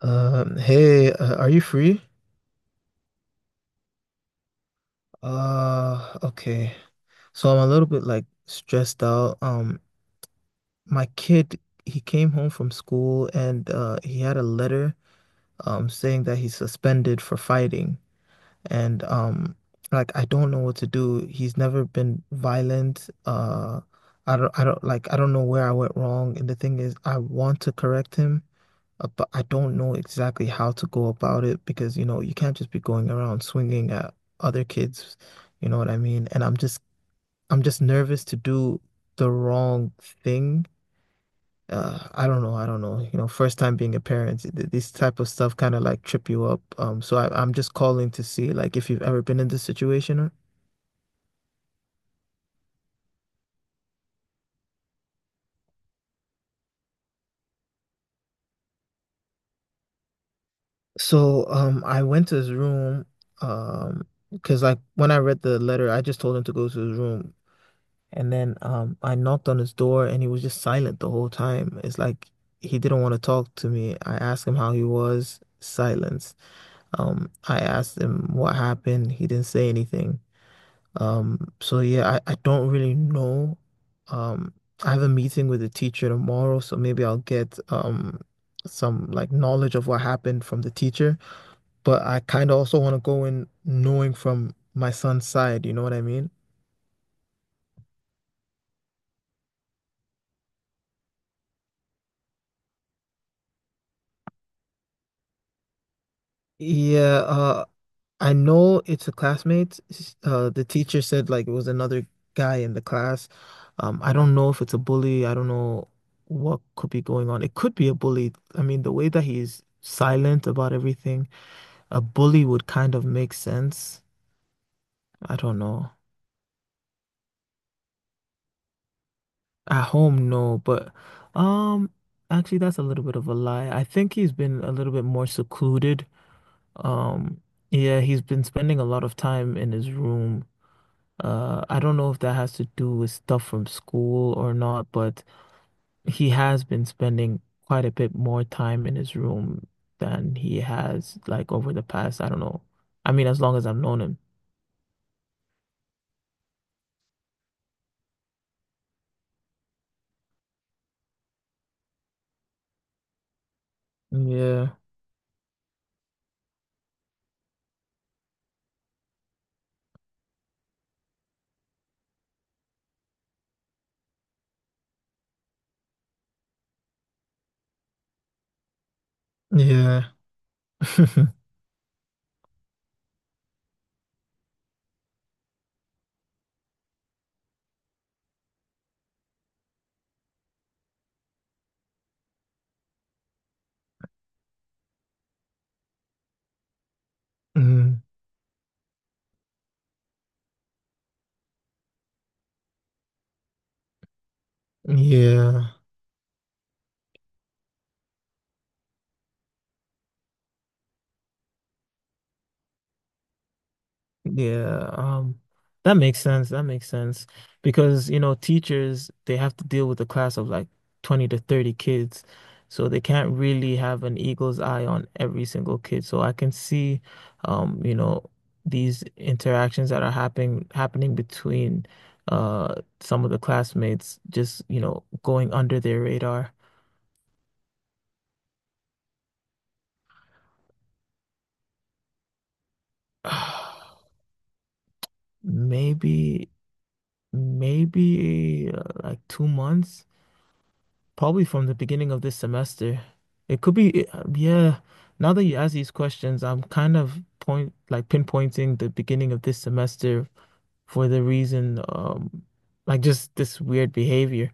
Hey, are you free? Okay. So I'm a little bit like stressed out. My kid, he came home from school and he had a letter saying that he's suspended for fighting. And like I don't know what to do. He's never been violent. I don't know where I went wrong. And the thing is I want to correct him. But I don't know exactly how to go about it because, you can't just be going around swinging at other kids, you know what I mean? And I'm just nervous to do the wrong thing. I don't know, I don't know. First time being a parent, this type of stuff kind of like trip you up. So I'm just calling to see like if you've ever been in this situation or so I went to his room um because like when I read the letter I just told him to go to his room. And then I knocked on his door and he was just silent the whole time. It's like he didn't want to talk to me. I asked him how he was, silence. I asked him what happened. He didn't say anything. So yeah, I don't really know. Um, I have a meeting with the teacher tomorrow, so maybe I'll get some like knowledge of what happened from the teacher. But I kind of also want to go in knowing from my son's side, you know what I mean? Yeah, I know it's a classmate. The teacher said like it was another guy in the class. I don't know if it's a bully. I don't know what could be going on. It could be a bully. I mean, the way that he's silent about everything, a bully would kind of make sense. I don't know. At home, no, but um, actually, that's a little bit of a lie. I think he's been a little bit more secluded. Um, yeah, he's been spending a lot of time in his room. I don't know if that has to do with stuff from school or not, but he has been spending quite a bit more time in his room than he has like over the past, I don't know. I mean, as long as I've known him. Yeah. Yeah. Mm, yeah. Yeah, that makes sense. That makes sense because, teachers, they have to deal with a class of like 20 to 30 kids. So they can't really have an eagle's eye on every single kid. So I can see, um, you know, these interactions that are happening between some of the classmates just, going under their radar. Maybe, maybe, like 2 months. Probably from the beginning of this semester. It could be, yeah. Now that you ask these questions, I'm kind of point like pinpointing the beginning of this semester for the reason, like just this weird behavior.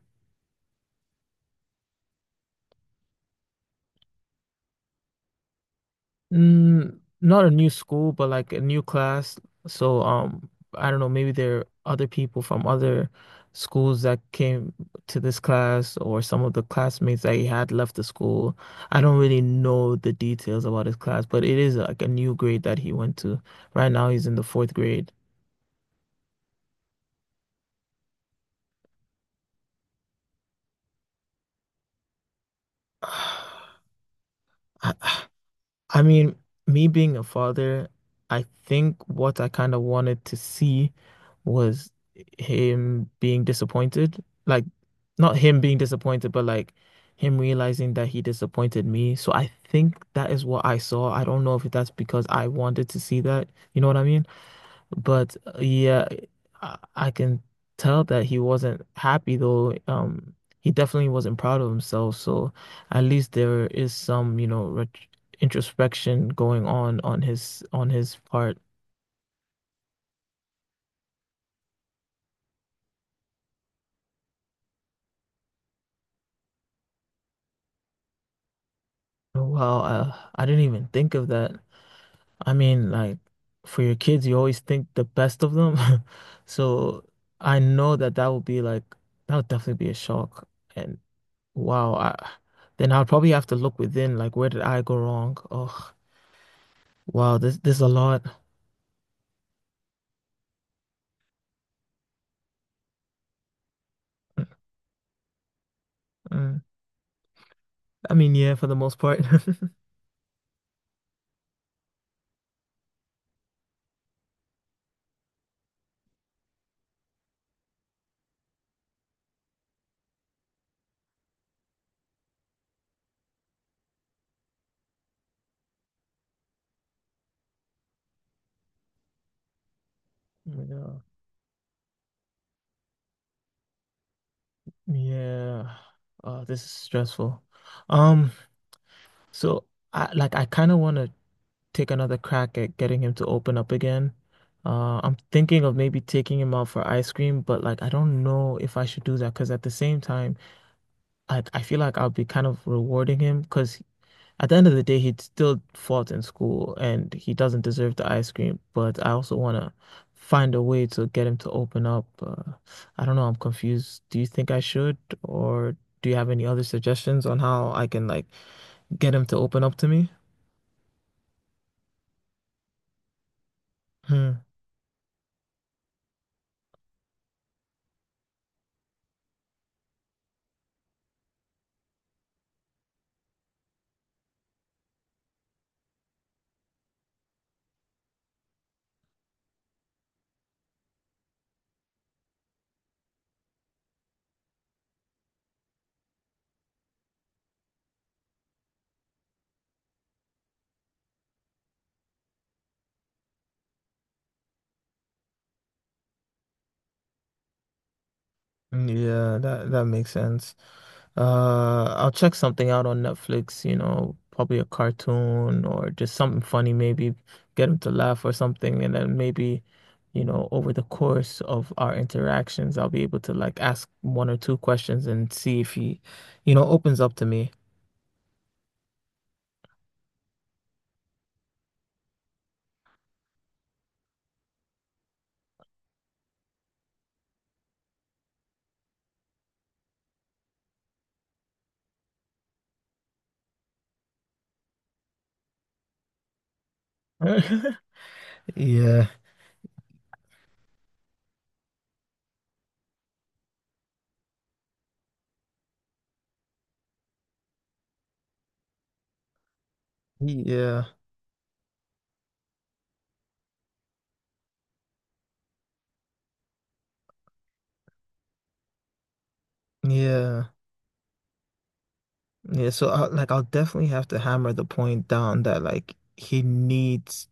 Mm, not a new school, but like a new class. So, I don't know, maybe there are other people from other schools that came to this class, or some of the classmates that he had left the school. I don't really know the details about his class, but it is like a new grade that he went to. Right now, he's in the fourth grade. I mean, me being a father, I think what I kind of wanted to see was him being disappointed. Like, not him being disappointed, but like him realizing that he disappointed me. So I think that is what I saw. I don't know if that's because I wanted to see that. You know what I mean? But yeah, I can tell that he wasn't happy though. He definitely wasn't proud of himself. So at least there is some, ret introspection going on on his part. Wow, I didn't even think of that. I mean, like for your kids, you always think the best of them. So I know that that would be like that would definitely be a shock. And wow, I then I'd probably have to look within, like where did I go wrong? Oh. Wow, there's a lot. Uh, I mean, yeah, for the most part. Oh my God. Yeah. This is stressful. Um, so I kind of want to take another crack at getting him to open up again. I'm thinking of maybe taking him out for ice cream, but like I don't know if I should do that because at the same time, I feel like I'll be kind of rewarding him because at the end of the day, he still fought in school and he doesn't deserve the ice cream, but I also want to find a way to get him to open up. I don't know, I'm confused. Do you think I should, or do you have any other suggestions on how I can like get him to open up to me? Hmm. Yeah, that makes sense. I'll check something out on Netflix, probably a cartoon or just something funny, maybe get them to laugh or something. And then maybe, over the course of our interactions, I'll be able to like ask one or two questions and see if he, opens up to me. Yeah, yeah, yeah, yeah. So I'll definitely have to hammer the point down that like he needs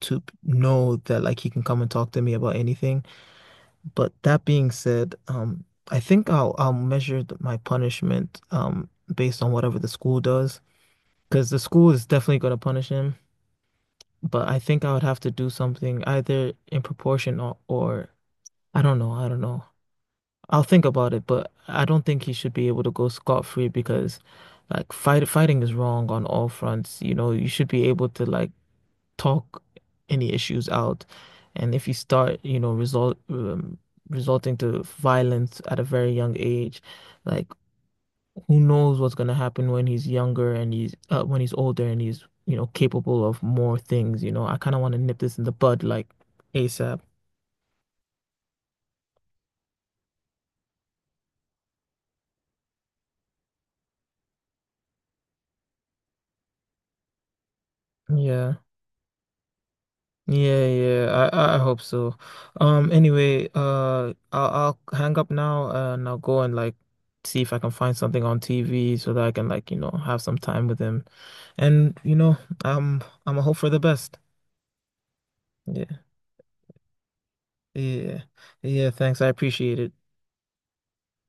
to know that like he can come and talk to me about anything. But that being said, I think I'll measure my punishment based on whatever the school does, because the school is definitely going to punish him. But I think I would have to do something either in proportion or I don't know, I don't know. I'll think about it, but I don't think he should be able to go scot-free because like fighting is wrong on all fronts. You should be able to like talk any issues out. And if you start, resulting to violence at a very young age, like who knows what's going to happen when he's older and he's, you know, capable of more things. I kind of want to nip this in the bud like ASAP. Yeah. Yeah, yeah. I hope so. Anyway, I'll hang up now and I'll go and like see if I can find something on TV so that I can like, have some time with him. And I'm a hope for the best. Yeah. Yeah. Yeah, thanks. I appreciate it.